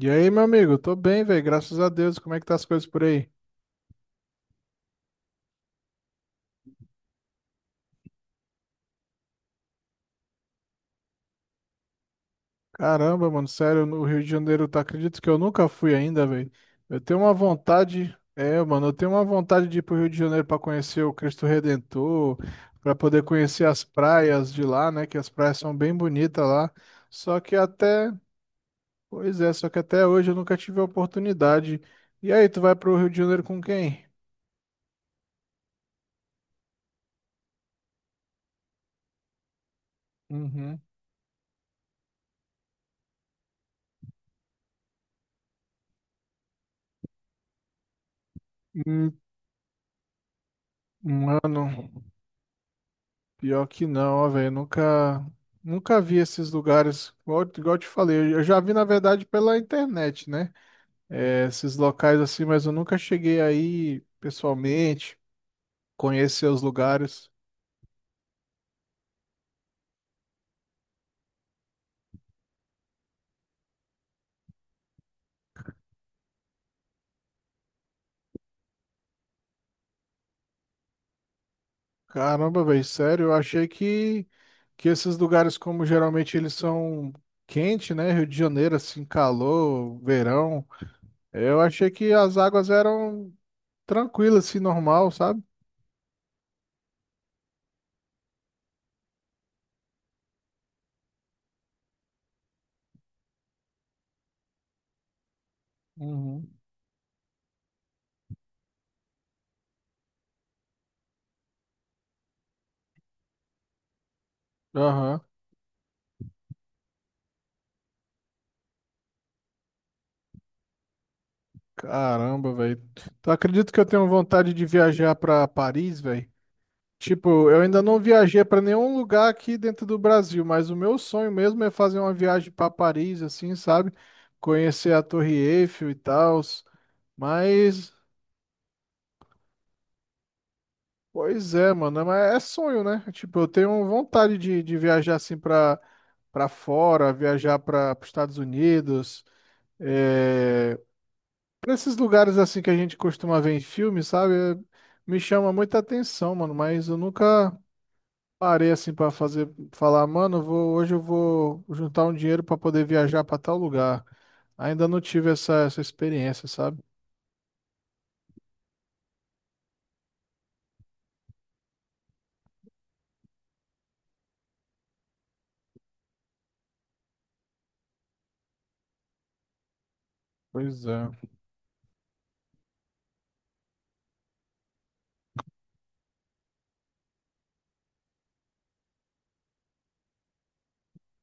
E aí, meu amigo? Tô bem, velho, graças a Deus. Como é que tá as coisas por aí? Caramba, mano, sério, no Rio de Janeiro, tá? Acredito que eu nunca fui ainda, velho. Eu tenho uma vontade, mano, eu tenho uma vontade de ir pro Rio de Janeiro pra conhecer o Cristo Redentor, pra poder conhecer as praias de lá, né? Que as praias são bem bonitas lá. Só que até, pois é, só que até hoje eu nunca tive a oportunidade. E aí, tu vai pro Rio de Janeiro com quem? Uhum. Hum. Mano. Pior que não, ó, velho. Nunca, nunca vi esses lugares. Igual eu te falei, eu já vi, na verdade, pela internet, né? É, esses locais assim, mas eu nunca cheguei aí pessoalmente, conhecer os lugares. Caramba, velho, sério, eu achei que esses lugares, como geralmente eles são quente, né? Rio de Janeiro, assim, calor, verão. Eu achei que as águas eram tranquilas, assim, normal, sabe? Uhum. Aham. Caramba, velho. Tu acredita que eu tenho vontade de viajar pra Paris, velho? Tipo, eu ainda não viajei pra nenhum lugar aqui dentro do Brasil, mas o meu sonho mesmo é fazer uma viagem pra Paris, assim, sabe? Conhecer a Torre Eiffel e tal. Mas, pois é, mano, mas é sonho, né? Tipo, eu tenho vontade de viajar assim pra fora, viajar para os Estados Unidos. eh, Nesses lugares assim que a gente costuma ver em filme, sabe? Me chama muita atenção, mano, mas eu nunca parei assim pra fazer falar, mano, eu vou, hoje eu vou juntar um dinheiro pra poder viajar pra tal lugar. Ainda não tive essa experiência, sabe? Pois é.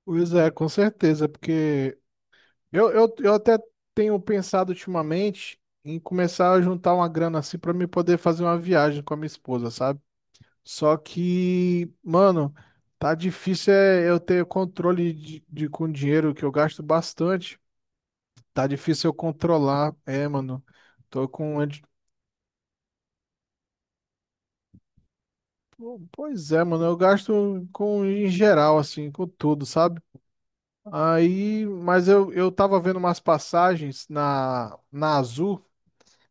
Pois é, com certeza, porque eu até tenho pensado ultimamente em começar a juntar uma grana assim pra me poder fazer uma viagem com a minha esposa, sabe? Só que, mano, tá difícil é eu ter controle com dinheiro que eu gasto bastante. Tá difícil eu controlar. É, mano. Tô com. anti- Pô, pois é, mano. Eu gasto com em geral, assim, com tudo, sabe? Aí, mas eu tava vendo umas passagens na Azul.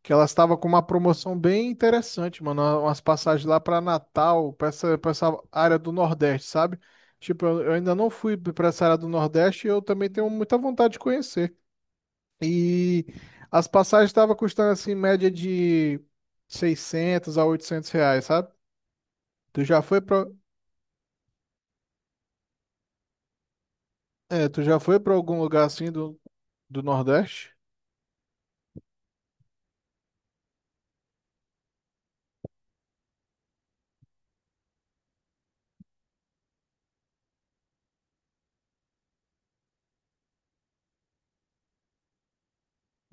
Que elas estavam com uma promoção bem interessante, mano. Umas passagens lá pra Natal, pra essa área do Nordeste, sabe? Tipo, eu ainda não fui pra essa área do Nordeste e eu também tenho muita vontade de conhecer. E as passagens estavam custando assim, em média de 600 a 800 reais, sabe? Tu já foi pra, tu já foi pra algum lugar assim do Nordeste?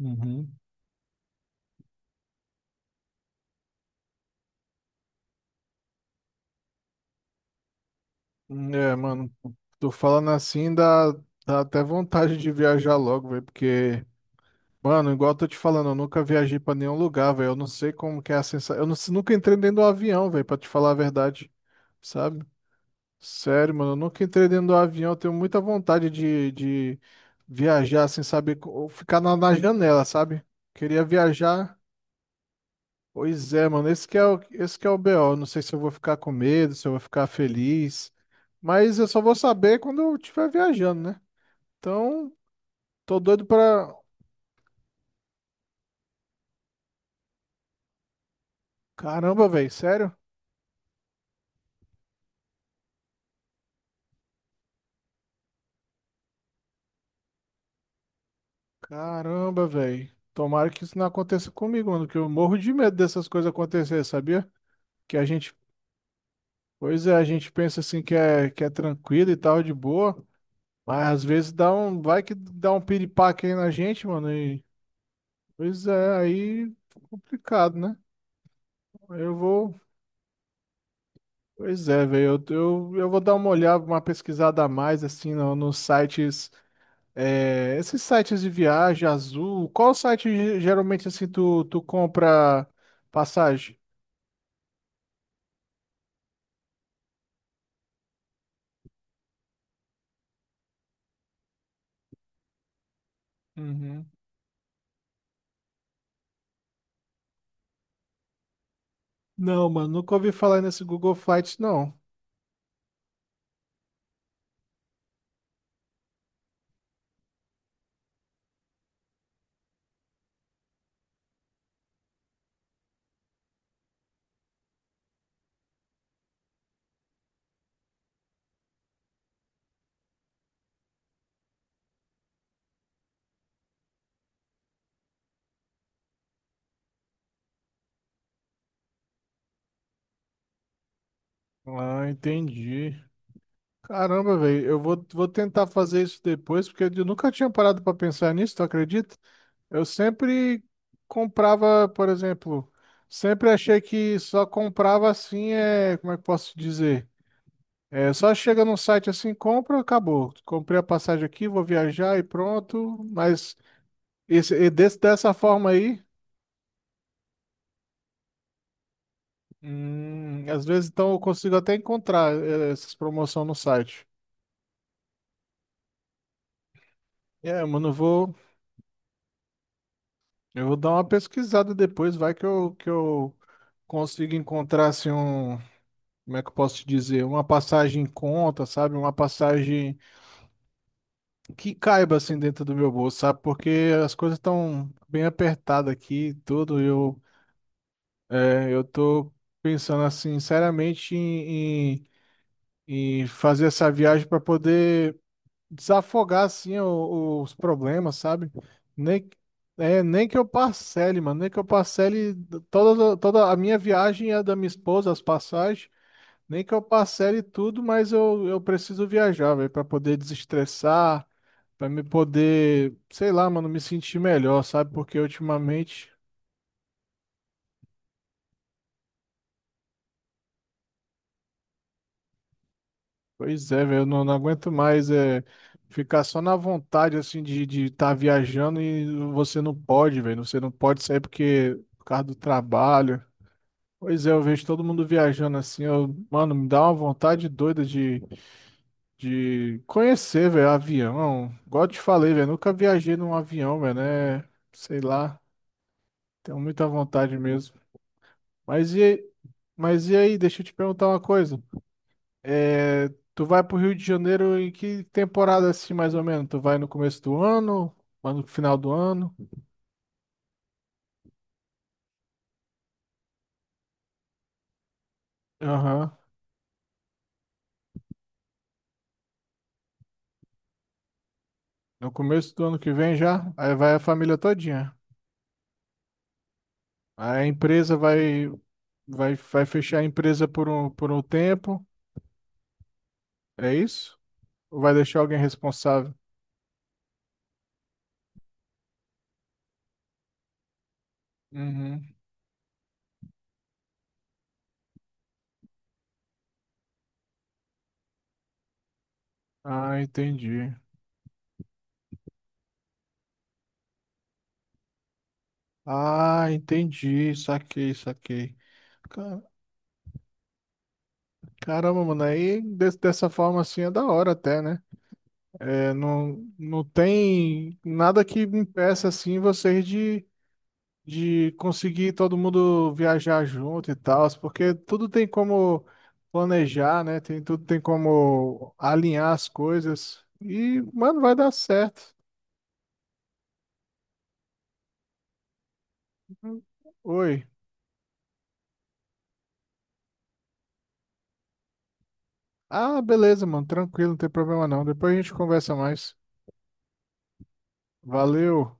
Uhum. É, mano, tô falando assim, dá até vontade de viajar logo, velho, porque, mano, igual eu tô te falando, eu nunca viajei pra nenhum lugar, velho, eu não sei como que é a sensação, eu não- nunca entrei dentro do avião, velho, pra te falar a verdade, sabe? Sério, mano, eu nunca entrei dentro do avião. Eu tenho muita vontade de viajar sem saber, ou ficar na janela, sabe? Queria viajar. Pois é, mano, esse que é o BO. Não sei se eu vou ficar com medo, se eu vou ficar feliz, mas eu só vou saber quando eu estiver viajando, né? Então, tô doido pra. Caramba, velho, sério? Caramba, velho. Tomara que isso não aconteça comigo, mano, que eu morro de medo dessas coisas acontecer, sabia? Que a gente pois é, a gente pensa assim que que é tranquilo e tal, de boa, mas às vezes dá um, vai que dá um piripaque aí na gente, mano, e pois é, aí fica complicado, né? Eu vou, pois é, velho, eu vou dar uma olhada, uma pesquisada a mais, assim, no, nos sites, é, esses sites de viagem, Azul, qual site geralmente, assim, tu compra passagem? Uhum. Não, mano, nunca ouvi falar nesse Google Flights, não. Ah, entendi. Caramba, velho, vou tentar fazer isso depois, porque eu nunca tinha parado pra pensar nisso, tu acredita? Eu sempre comprava, por exemplo, sempre achei que só comprava assim, é, como é que eu posso dizer? É, só chega num site assim, compra, acabou. Comprei a passagem aqui, vou viajar e pronto. Mas dessa forma aí, às vezes então eu consigo até encontrar essas promoções no site. É, mano, eu vou. Eu vou dar uma pesquisada depois, vai que eu consigo encontrar assim um, como é que eu posso te dizer, uma passagem em conta, sabe? Uma passagem que caiba assim dentro do meu bolso, sabe? Porque as coisas estão bem apertadas aqui, e tudo. Eu eu tô pensando assim, seriamente em fazer essa viagem para poder desafogar assim os problemas, sabe? Nem, nem que eu parcele, mano, nem que eu parcele toda, toda a minha viagem e a da minha esposa, as passagens, nem que eu parcele tudo, mas eu preciso viajar, velho, para poder desestressar, para me poder, sei lá, mano, me sentir melhor, sabe? Porque ultimamente pois é, velho, eu não, não aguento mais é, ficar só na vontade, assim, de estar viajando e você não pode, velho, você não pode sair porque, por causa do trabalho. Pois é, eu vejo todo mundo viajando assim, eu, mano, me dá uma vontade doida de conhecer, velho, avião. Igual eu te falei, velho, nunca viajei num avião, velho, né? Sei lá, tenho muita vontade mesmo. Mas e, mas e aí, deixa eu te perguntar uma coisa. É, tu vai pro Rio de Janeiro em que temporada assim, mais ou menos? Tu vai no começo do ano? Vai no final do ano? Aham. No começo do ano que vem já? Aí vai a família todinha. Aí a empresa vai, vai fechar a empresa por um tempo. É isso? Ou vai deixar alguém responsável? Uhum. Ah, entendi. Ah, entendi. Saquei, saquei. Ca- Caramba, mano. Aí dessa forma assim é da hora até, né? É, não, não tem nada que impeça assim vocês de conseguir todo mundo viajar junto e tal, porque tudo tem como planejar, né? Tem, tudo tem como alinhar as coisas. E, mano, vai dar certo. Oi. Ah, beleza, mano. Tranquilo, não tem problema não. Depois a gente conversa mais. Valeu.